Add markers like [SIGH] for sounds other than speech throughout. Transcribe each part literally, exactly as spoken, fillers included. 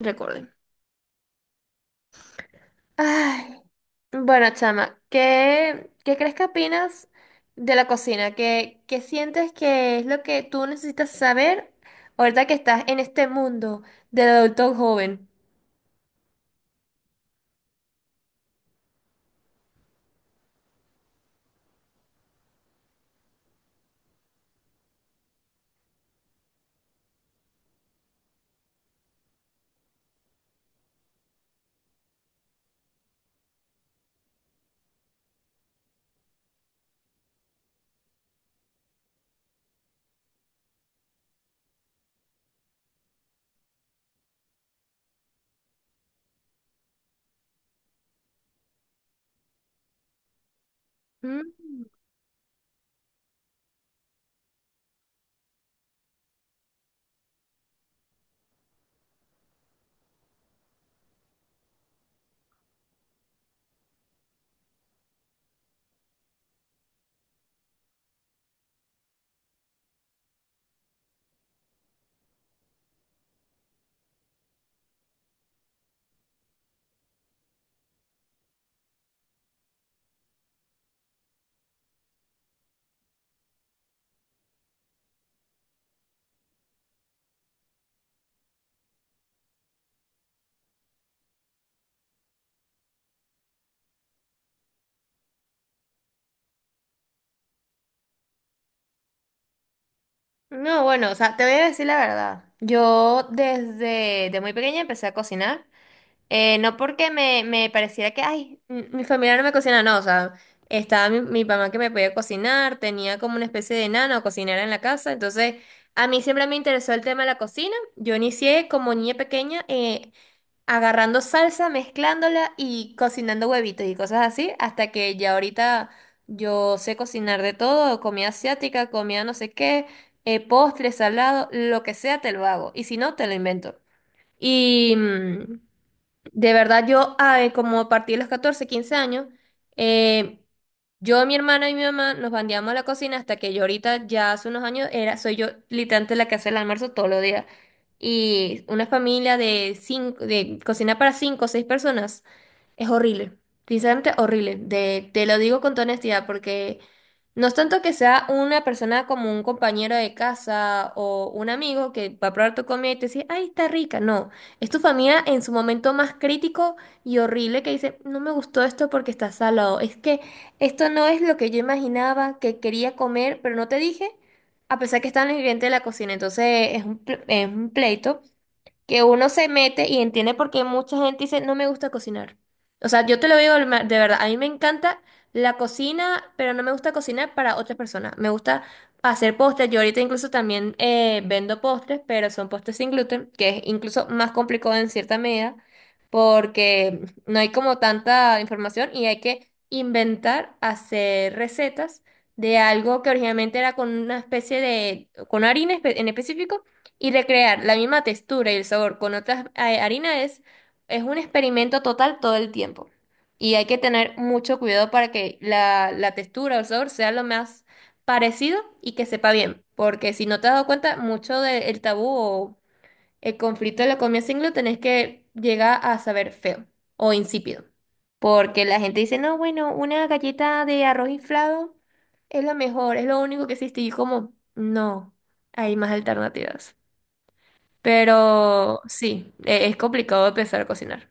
Recuerden. Ay, bueno, chama, ¿qué, qué crees que opinas de la cocina? ¿Qué, qué sientes que es lo que tú necesitas saber ahorita que estás en este mundo del adulto joven? Mm, no, bueno, o sea, te voy a decir la verdad. Yo desde de muy pequeña empecé a cocinar. Eh, no porque me, me pareciera que, ay, m- mi familia no me cocina, no, o sea, estaba mi, mi mamá que me podía cocinar, tenía como una especie de nana o cocinera en la casa, entonces a mí siempre me interesó el tema de la cocina, yo inicié como niña pequeña eh, agarrando salsa, mezclándola y cocinando huevitos y cosas así, hasta que ya ahorita yo sé cocinar de todo, comida asiática, comida no sé qué, eh, postre, salado, lo que sea te lo hago, y si no, te lo invento. Y... mm, de verdad, yo, ah, eh, como a partir de los catorce quince años, eh, yo, mi hermana y mi mamá nos bandeamos a la cocina hasta que yo ahorita, ya hace unos años, era, soy yo literalmente la que hace el almuerzo todos los días. Y una familia de cinco, de cocina para cinco o seis personas, es horrible, sinceramente horrible. De, te lo digo con toda honestidad, porque no es tanto que sea una persona como un compañero de casa o un amigo que va a probar tu comida y te dice, ay, está rica. No, es tu familia en su momento más crítico y horrible que dice, no me gustó esto porque está salado. Es que esto no es lo que yo imaginaba que quería comer, pero no te dije, a pesar que está en el ingrediente de la cocina. Entonces es un, ple- es un pleito que uno se mete y entiende por qué mucha gente dice, no me gusta cocinar. O sea, yo te lo digo de ma- de verdad, a mí me encanta la cocina, pero no me gusta cocinar para otras personas. Me gusta hacer postres. Yo ahorita incluso también eh, vendo postres, pero son postres sin gluten, que es incluso más complicado en cierta medida, porque no hay como tanta información y hay que inventar, hacer recetas de algo que originalmente era con una especie de, con harina espe- en específico y recrear la misma textura y el sabor con otras eh, harinas es, es un experimento total todo el tiempo. Y hay que tener mucho cuidado para que la, la textura o el sabor sea lo más parecido y que sepa bien. Porque si no te has dado cuenta, mucho del tabú o el conflicto de la comida sin gluten es que llega a saber feo o insípido. Porque la gente dice, no, bueno, una galleta de arroz inflado es lo mejor, es lo único que existe. Y yo como, no, hay más alternativas. Pero sí, e- es complicado empezar a cocinar.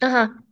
Ajá.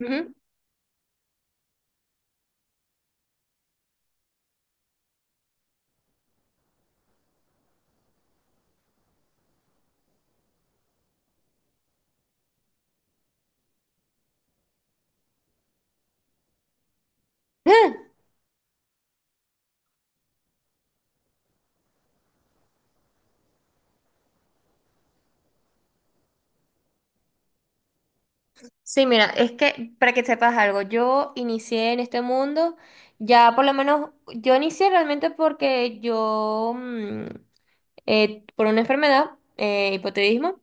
Ujú. Ah, sí, mira, es que para que sepas algo, yo inicié en este mundo, ya por lo menos, yo inicié realmente porque yo, mm, eh, por una enfermedad, eh, hipotiroidismo,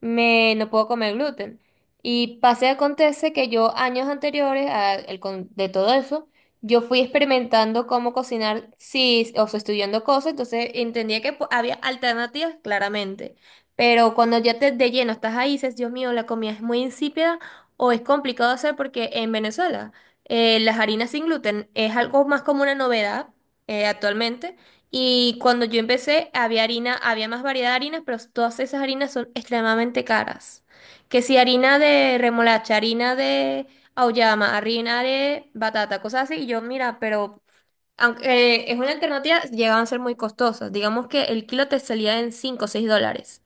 me no puedo comer gluten. Y pase acontece que yo años anteriores a el con- de todo eso, yo fui experimentando cómo cocinar, sí, o sea, estudiando cosas, entonces entendía que po- había alternativas, claramente. Pero cuando ya te de lleno estás ahí, dices, Dios mío, la comida es muy insípida o es complicado hacer porque en Venezuela eh, las harinas sin gluten es algo más como una novedad eh, actualmente. Y cuando yo empecé, había harina, había más variedad de harinas, pero todas esas harinas son extremadamente caras. Que si harina de remolacha, harina de auyama, harina de batata, cosas así, y yo, mira, pero aunque eh, es una alternativa, llegaban a ser muy costosas. Digamos que el kilo te salía en cinco o seis dólares.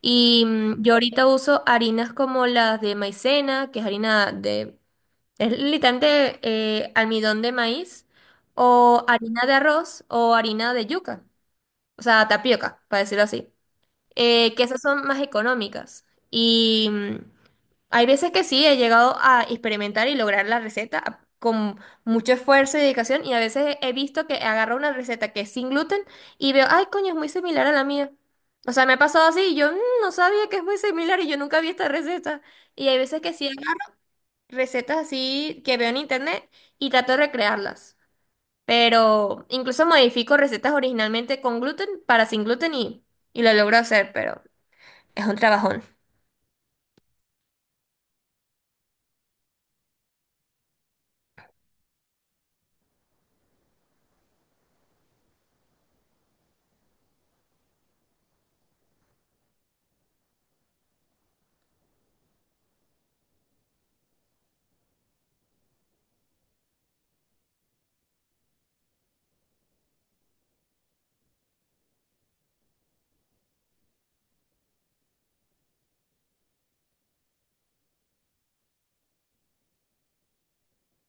Y mm, yo ahorita uso harinas como las de maicena, que es harina de, es literalmente eh, almidón de maíz, o harina de arroz, o harina de yuca, o sea, tapioca, para decirlo así, eh, que esas son más económicas. Y mm, hay veces que sí, he llegado a experimentar y lograr la receta a- con mucho esfuerzo y dedicación, y a veces he visto que agarro una receta que es sin gluten y veo, ay, coño, es muy similar a la mía. O sea, me ha pasado así y yo "Mm, no sabía que es muy similar y yo nunca vi esta receta. Y hay veces que sí agarro recetas así que veo en internet y trato de recrearlas. Pero incluso modifico recetas originalmente con gluten para sin gluten y, y lo logro hacer, pero es un trabajón.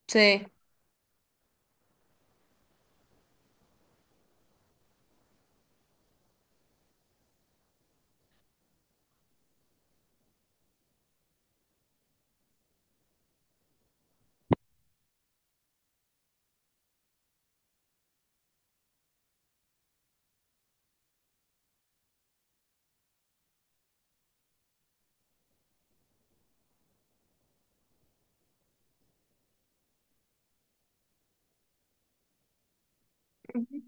Sí. Ujú.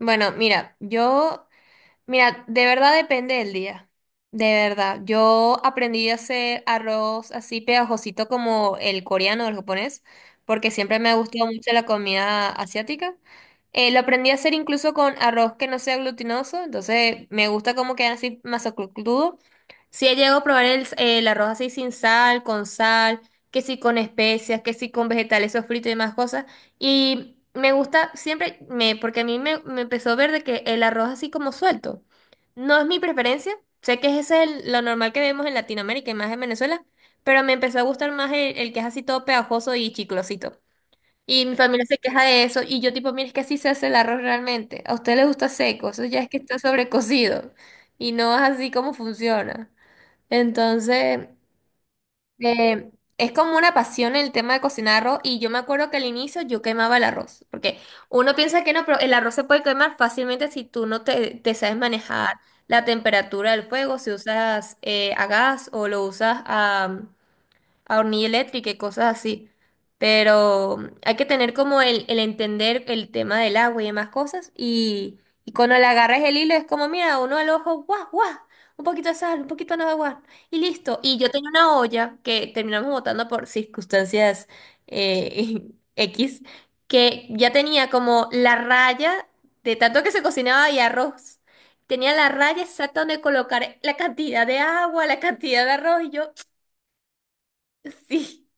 Bueno, mira, yo Mira, de verdad depende del día. De verdad. Yo aprendí a hacer arroz así pegajosito como el coreano o el japonés, porque siempre me ha gustado mucho la comida asiática. Eh, lo aprendí a hacer incluso con arroz que no sea glutinoso, entonces me gusta cómo queda así masacrudo. Sí he llegado a probar el, el arroz así sin sal, con sal, que sí con especias, que sí con vegetales sofritos y demás cosas. Y me gusta siempre, me, porque a mí me, me empezó a ver de que el arroz así como suelto. No es mi preferencia, sé que ese es el- lo normal que vemos en Latinoamérica y más en Venezuela, pero me empezó a gustar más el, el que es así todo pegajoso y chiclosito. Y mi familia se queja de eso y yo tipo, mire, es que así se hace el arroz realmente. A usted le gusta seco, eso ya es que está sobrecocido y no es así como funciona. Entonces. Eh, es como una pasión el tema de cocinar arroz y yo me acuerdo que al inicio yo quemaba el arroz, porque uno piensa que no, pero el arroz se puede quemar fácilmente si tú no te, te sabes manejar la temperatura del fuego, si usas eh, a gas o lo usas a, a, hornilla eléctrica y cosas así. Pero mm, hay que tener como el, el entender el tema del agua y demás cosas. Y, y cuando le agarras el hilo es como, mira, uno al ojo, guau, guau, un poquito de sal, un poquito de nada, guau, y listo. Y yo tenía una olla que terminamos botando por circunstancias eh, [LAUGHS] X, que ya tenía como la raya de tanto que se cocinaba y arroz. Tenía la raya exacta donde colocar la cantidad de agua, la cantidad de arroz, y yo, [TSK] sí.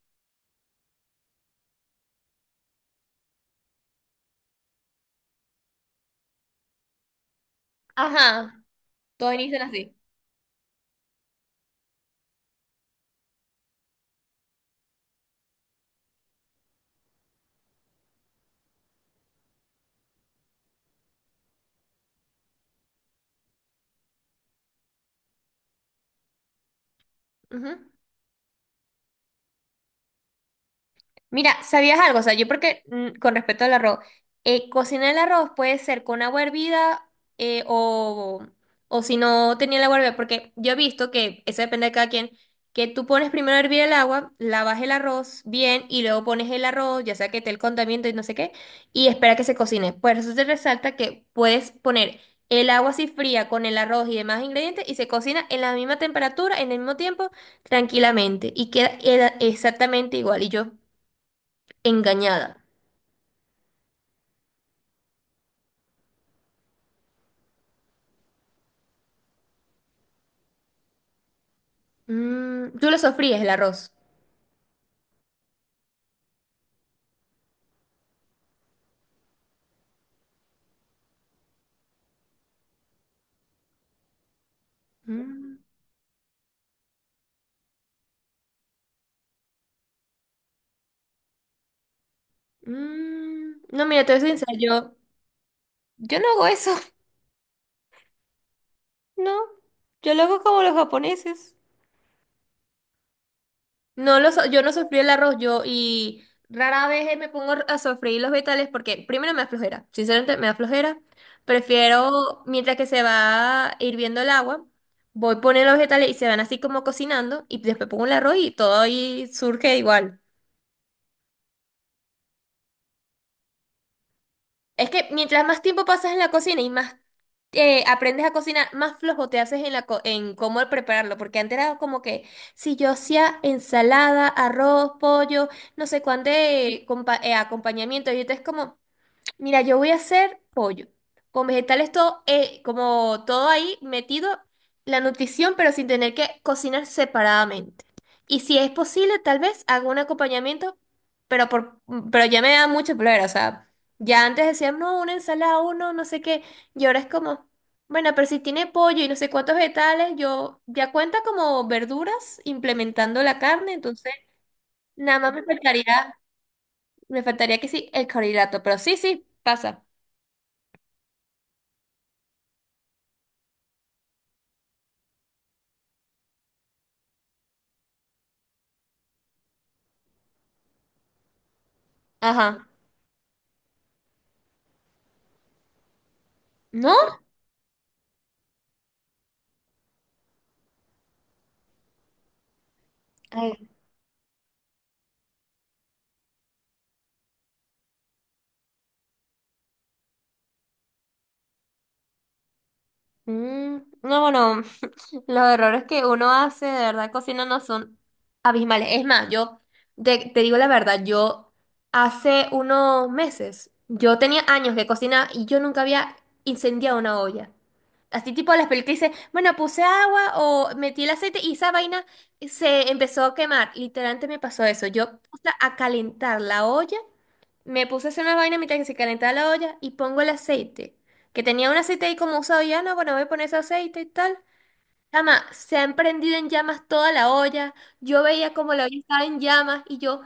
Ajá, todos inician así. Ujú. Mira, ¿sabías algo? O sea, yo porque mm, con respecto al arroz, eh, cocinar el arroz puede ser con agua hervida eh, o, o si no tenía el agua hervida, porque yo he visto que eso depende de cada quien, que tú pones primero a hervir el agua, lavas el arroz bien y luego pones el arroz, ya sea que esté el condimento y no sé qué, y espera que se cocine. Por eso te resalta que puedes poner el agua así fría con el arroz y demás ingredientes y se cocina en la misma temperatura, en el mismo tiempo, tranquilamente y queda era exactamente igual. Y yo engañada. Mm, ¿tú lo sofríes el arroz? Mm, mm. No, mira, te voy a ser sincera, yo, yo no hago eso, [LAUGHS] no. Yo lo hago como los japoneses. No, lo so- yo no sofrí el arroz, yo, y rara vez eh, me pongo a sofreír los vegetales porque primero me da flojera, sinceramente me da flojera. Prefiero, mientras que se va hirviendo el agua, voy poniendo los vegetales y se van así como cocinando y después pongo el arroz y todo ahí surge igual. Es que mientras más tiempo pasas en la cocina y más eh, aprendes a cocinar, más flojo te haces en la co- en cómo prepararlo, porque antes era como que si yo hacía ensalada, arroz, pollo, no sé cuánto eh, compa- eh, acompañamiento, y entonces como mira, yo voy a hacer pollo, con vegetales todo, eh, como todo ahí metido, la nutrición, pero sin tener que cocinar separadamente. Y si es posible, tal vez hago un acompañamiento, pero por, pero ya me da mucho problema, o sea, ya antes decían, no, una ensalada, uno, no sé qué, y ahora es como, bueno, pero si tiene pollo y no sé cuántos vegetales, yo ya cuenta como verduras implementando la carne, entonces nada más me faltaría, me faltaría que sí, el carbohidrato, pero sí, sí, pasa. Ajá. ¿No? Ay, mm, no, bueno, [LAUGHS] los errores que uno hace de verdad cocinando son abismales. Es más, yo te, te digo la verdad, yo hace unos meses, yo tenía años de cocinar y yo nunca había incendiado una olla. Así tipo las películas dice, bueno, puse agua o metí el aceite y esa vaina se empezó a quemar. Literalmente me pasó eso. Yo puse a calentar la olla, me puse a hacer una vaina mientras que se calentaba la olla y pongo el aceite. Que tenía un aceite ahí como usado ya, no, bueno, voy a poner ese aceite y tal. Chama, se ha prendido en llamas toda la olla. Yo veía como la olla estaba en llamas y yo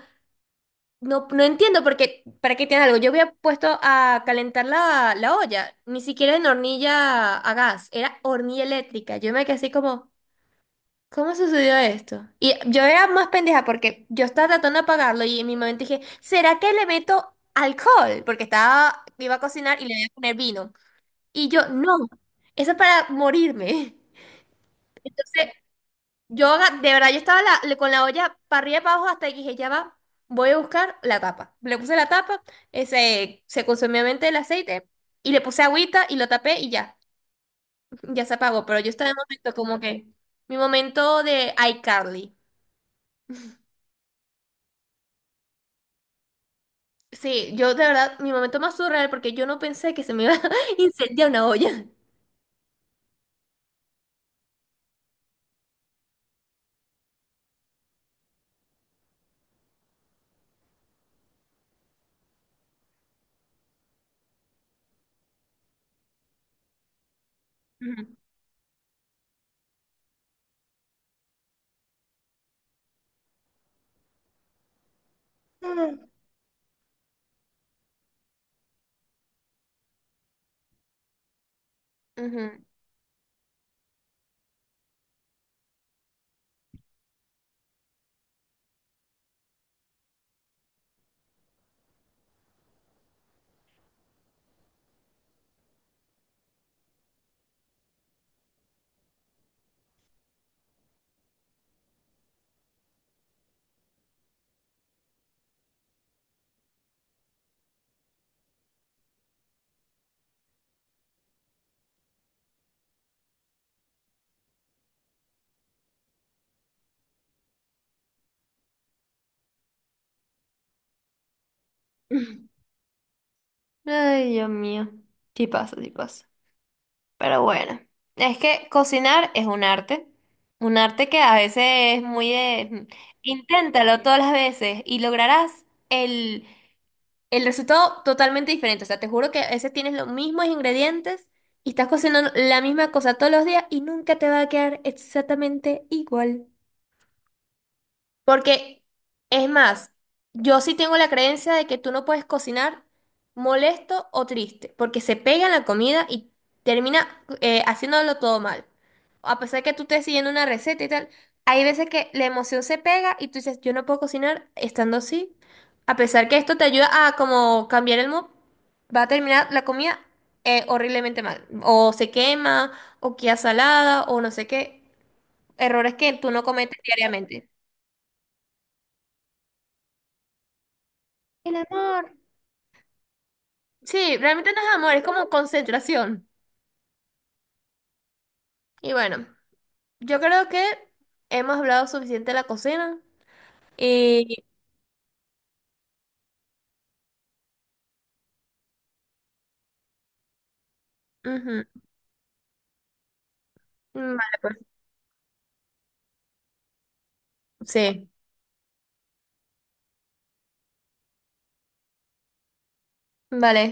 no, no entiendo porque, ¿para qué tiene algo? Yo había puesto a calentar la, la olla, ni siquiera en hornilla a gas, era hornilla eléctrica. Yo me quedé así como, ¿cómo sucedió esto? Y yo era más pendeja porque yo estaba tratando de apagarlo y en mi momento dije, ¿será que le meto alcohol? Porque estaba, iba a cocinar y le iba a poner vino. Y yo, no, eso es para morirme. [LAUGHS] Entonces, yo aga- de verdad, yo estaba la- con la olla para arriba y para abajo hasta que dije, ya va, voy a buscar la tapa. Le puse la tapa, ese, se consumió obviamente el aceite y le puse agüita y lo tapé y ya, ya se apagó. Pero yo estaba en momento como que, mi momento de iCarly. Sí, yo de verdad, mi momento más surreal porque yo no pensé que se me iba a [LAUGHS] incendiar una olla. Ujú. Ujú. Ay, Dios mío. Sí pasa, sí pasa. Pero bueno, es que cocinar es un arte. Un arte que a veces es muy de. Inténtalo todas las veces y lograrás el, el resultado totalmente diferente. O sea, te juro que a veces tienes los mismos ingredientes y estás cocinando la misma cosa todos los días y nunca te va a quedar exactamente igual. Porque, es más, yo sí tengo la creencia de que tú no puedes cocinar molesto o triste, porque se pega en la comida y termina eh, haciéndolo todo mal. A pesar de que tú estés siguiendo una receta y tal, hay veces que la emoción se pega y tú dices, yo no puedo cocinar estando así. A pesar que esto te ayuda a como cambiar el mood, va a terminar la comida eh, horriblemente mal. O se quema, o queda salada, o no sé qué. Errores que tú no cometes diariamente. El amor. Sí, realmente no es amor, es como concentración. Y bueno, yo creo que hemos hablado suficiente de la cocina. Y... ujú, vale, pues. Sí. Vale.